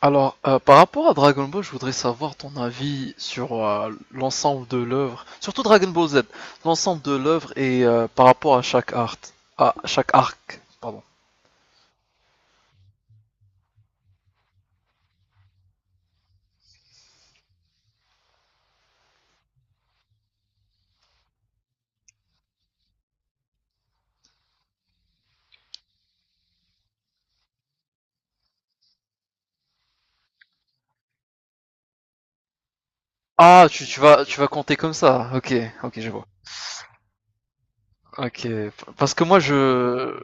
Alors, par rapport à Dragon Ball, je voudrais savoir ton avis sur l'ensemble de l'œuvre, surtout Dragon Ball Z, l'ensemble de l'œuvre et par rapport à chaque arc. Ah, tu vas compter comme ça. Ok, ok, je vois. Ok, parce que moi je,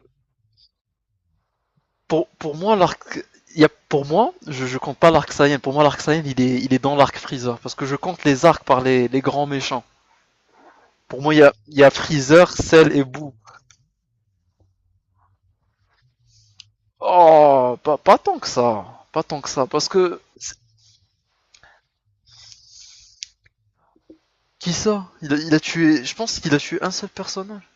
pour moi l'arc, il y a pour moi, je compte pas l'arc Saiyan. Pour moi l'arc Saiyan, il est dans l'arc Freezer, parce que je compte les arcs par les grands méchants. Pour moi, il y a Freezer, Cell et Boo. Oh, pas, pas tant que ça. Pas tant que ça. Parce que. Qui ça il a tué. Je pense qu'il a tué un seul personnage.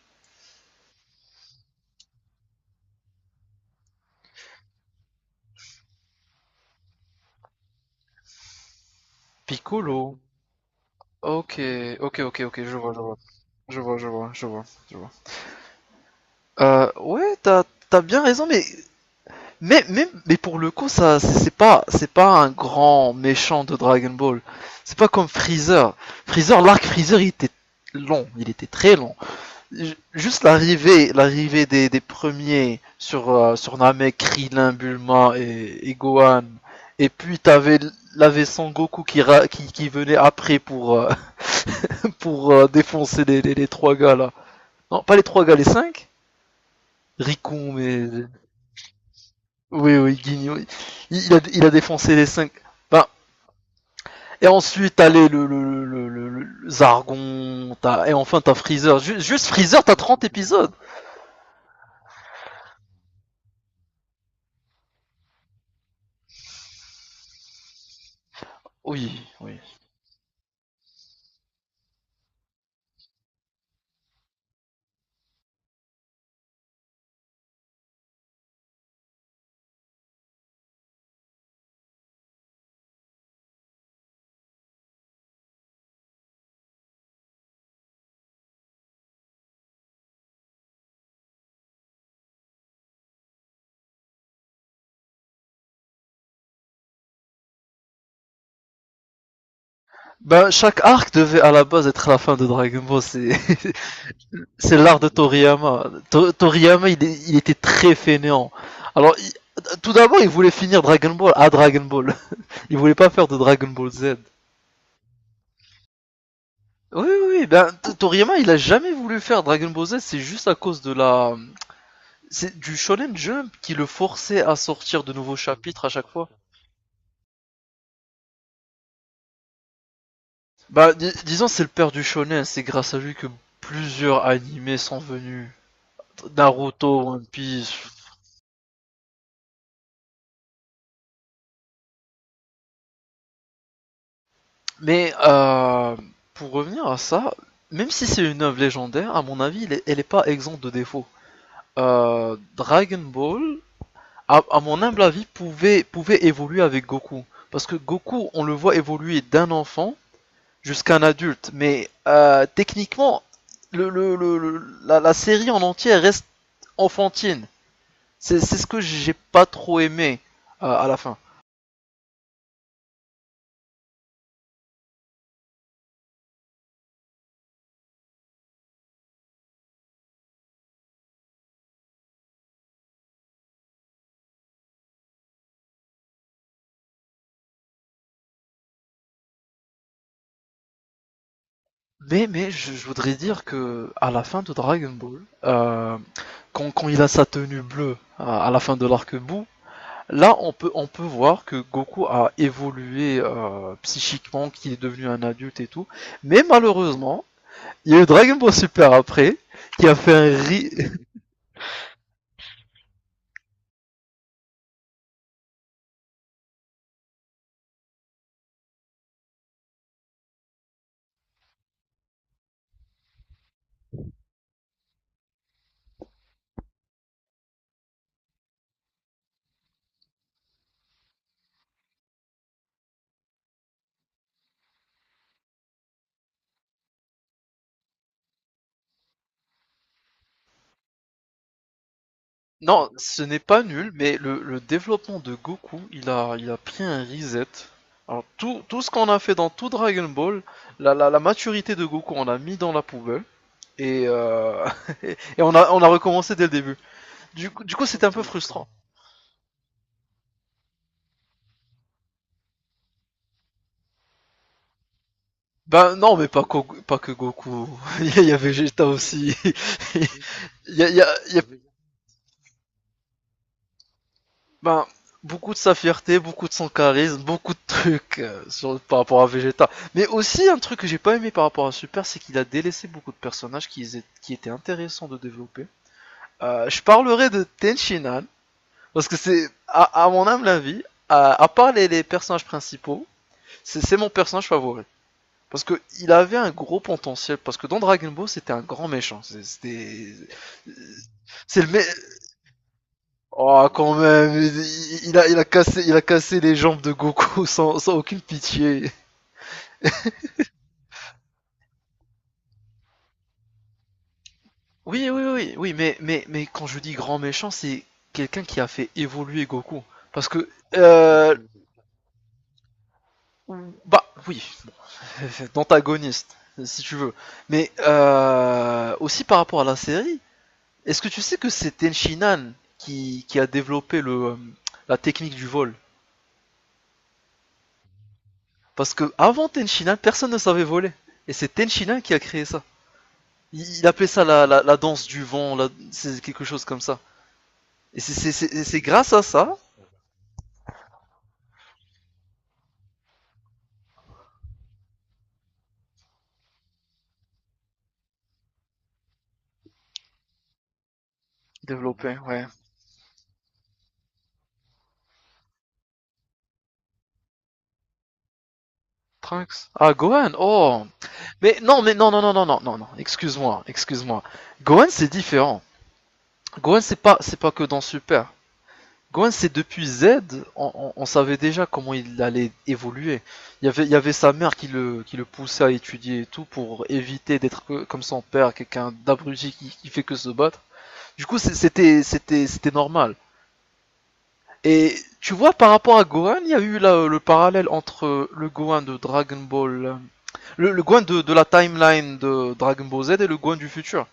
Piccolo. Ok, ok, ok, ok, je vois, je vois. Je vois, je vois, je vois, je vois. Ouais, t'as bien raison, mais. Mais pour le coup, ça, c'est pas un grand méchant de Dragon Ball. C'est pas comme Freezer. Freezer, l'arc Freezer, il était long, il était très long. Juste l'arrivée des premiers sur, sur Namek, Krillin, Bulma et Gohan. Et puis t'avais l'avais Son Goku qui, qui venait après pour, pour défoncer les trois gars là. Non, pas les trois gars, les cinq Rikon, mais. Oui, oui, Guigno. Il a défoncé les cinq. Ben, et ensuite, t'as les, le- Zargon, et enfin t'as Freezer. Juste Freezer, t'as 30 épisodes. Oui, oui. Ben, chaque arc devait à la base être la fin de Dragon Ball. C'est l'art de Toriyama. Toriyama, il était très fainéant. Alors, tout d'abord, il voulait finir Dragon Ball à Dragon Ball. Il voulait pas faire de Dragon Ball Z. Oui, oui, ben, Toriyama, il a jamais voulu faire Dragon Ball Z. C'est juste à cause de la. C'est du Shonen Jump qui le forçait à sortir de nouveaux chapitres à chaque fois. Bah, disons, c'est le père du shonen. C'est grâce à lui que plusieurs animés sont venus. Naruto, One Piece. Mais pour revenir à ça, même si c'est une œuvre légendaire, à mon avis, elle n'est pas exempte de défauts. Dragon Ball, à mon humble avis, pouvait évoluer avec Goku. Parce que Goku, on le voit évoluer d'un enfant jusqu'à un adulte. Mais techniquement, le, le- le- la série en entier reste enfantine. C'est ce que j'ai pas trop aimé à la fin. Mais je voudrais dire que à la fin de Dragon Ball, quand il a sa tenue bleue à la fin de l'arc bout, là on peut voir que Goku a évolué psychiquement, qu'il est devenu un adulte et tout. Mais malheureusement, il y a eu Dragon Ball Super après qui a fait un ri. Non, ce n'est pas nul, mais le développement de Goku, il a pris un reset. Alors tout ce qu'on a fait dans tout Dragon Ball, la maturité de Goku, on l'a mis dans la poubelle. Et, euh, et on a recommencé dès le début. Du coup, c'était un peu frustrant. Ben non, mais pas que Goku. Il y a Vegeta aussi. Il y a, il y a- il y a- ben, beaucoup de sa fierté, beaucoup de son charisme, beaucoup de trucs sur, par rapport à Vegeta. Mais aussi, un truc que j'ai pas aimé par rapport à Super, c'est qu'il a délaissé beaucoup de personnages qui étaient intéressants de développer. Je parlerai de Tenshinhan, parce que c'est, à mon humble avis, à part les personnages principaux, c'est mon personnage favori. Parce que il avait un gros potentiel. Parce que dans Dragon Ball, c'était un grand méchant. C'était. C'est le mec. Oh, quand même. Il a cassé les jambes de Goku sans aucune pitié. Oui, oui, oui, oui, mais quand je dis grand méchant, c'est quelqu'un qui a fait évoluer Goku. Parce que. euh, Bah, oui. D'antagoniste, si tu veux. Mais aussi par rapport à la série, est-ce que tu sais que c'est Tenshinhan qui a développé la technique du vol. Parce que avant Tenshinhan, personne ne savait voler. Et c'est Tenshinhan qui a créé ça. Il appelait ça la danse du vent, c'est quelque chose comme ça. Et c'est grâce à ça développé, ouais. Trunks. Ah, Gohan, oh. Mais non, non, non, non, non, non, non, excuse-moi, excuse-moi. Gohan, c'est différent. Gohan, c'est pas que dans Super. Gwen, c'est depuis Z, on savait déjà comment il allait évoluer. Il y avait sa mère qui le poussait à étudier et tout pour éviter d'être comme son père, quelqu'un d'abruti qui fait que se battre. Du coup, c'était, normal. Et tu vois, par rapport à Gohan, il y a eu là, le parallèle entre le Gohan de Dragon Ball, le Gohan de la timeline de Dragon Ball Z et le Gohan du futur.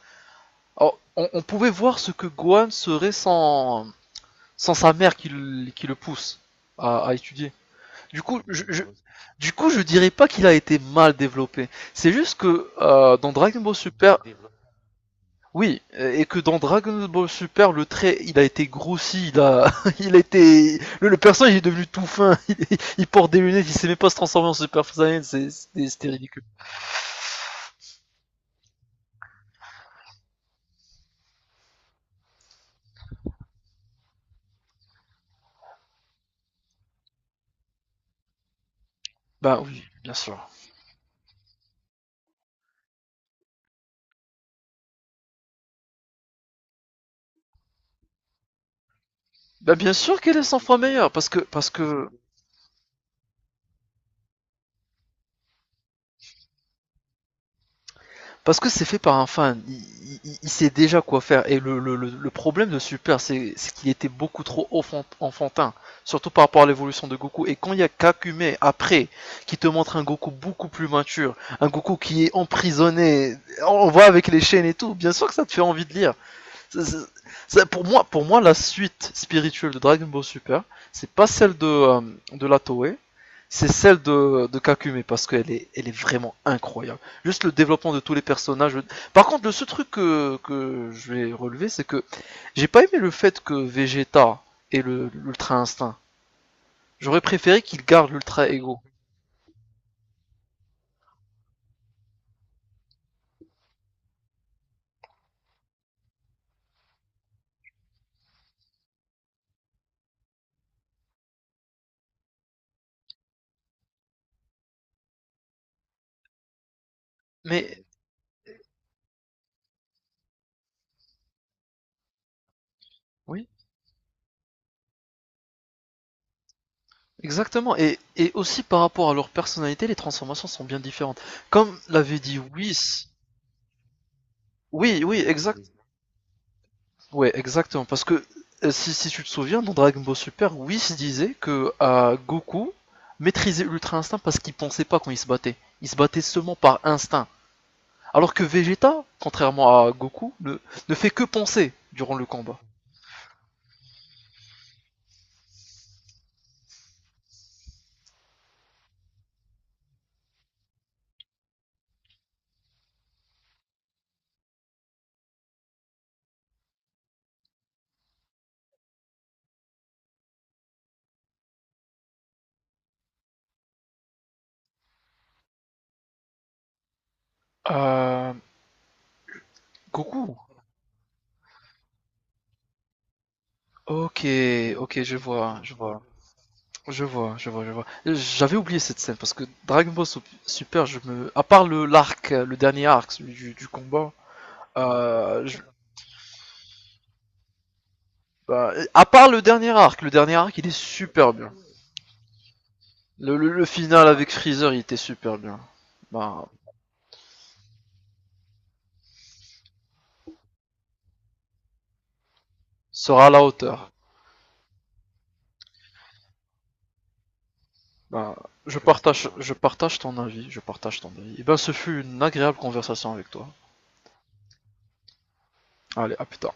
Alors, on pouvait voir ce que Gohan serait sans sa mère qui le pousse à étudier. Du coup, je, je, du coup, je dirais pas qu'il a été mal développé. C'est juste que dans Dragon Ball Super, oui, et que dans Dragon Ball Super, le trait, il a été grossi, le personnage il est devenu tout fin. Il porte des lunettes, il sait même pas se transformer en Super Saiyan, c'était ridicule. Bah oui, bien sûr. Bah bien sûr qu'elle est 100 fois meilleure, parce que. Parce que c'est fait par un fan, il sait déjà quoi faire. Et le problème de Super, c'est qu'il était beaucoup trop enfantin, surtout par rapport à l'évolution de Goku. Et quand il y a Kakume après, qui te montre un Goku beaucoup plus mature, un Goku qui est emprisonné, on voit avec les chaînes et tout, bien sûr que ça te fait envie de lire. C'est- c'est- pour moi, la suite spirituelle de Dragon Ball Super, c'est pas celle de la Toei, c'est celle de Kakume parce qu'elle est vraiment incroyable. Juste le développement de tous les personnages. Par contre, le seul truc que je vais relever, c'est que j'ai pas aimé le fait que Vegeta ait l'ultra instinct. J'aurais préféré qu'il garde l'ultra ego. Mais oui, exactement. Et aussi par rapport à leur personnalité, les transformations sont bien différentes. Comme l'avait dit Whis. Oui, oui, exact. Ouais, exactement. Parce que si tu te souviens, dans Dragon Ball Super, Whis disait que Goku maîtrisait l'Ultra Instinct parce qu'il pensait pas quand il se battait. Il se battait seulement par instinct. Alors que Vegeta, contrairement à Goku, ne fait que penser durant le combat. Euh, Goku. Ok, ok, je vois, je vois, je vois, je vois, je vois. J'avais oublié cette scène parce que Dragon Ball Super, à part le l'arc, le dernier arc, celui du combat, je. Bah, à part le dernier arc il est super bien. Le final avec Freezer il était super bien. Bah, sera à la hauteur. Bah, je partage ton avis, je partage ton avis. Et ben, ce fut une agréable conversation avec toi. Allez, à plus tard.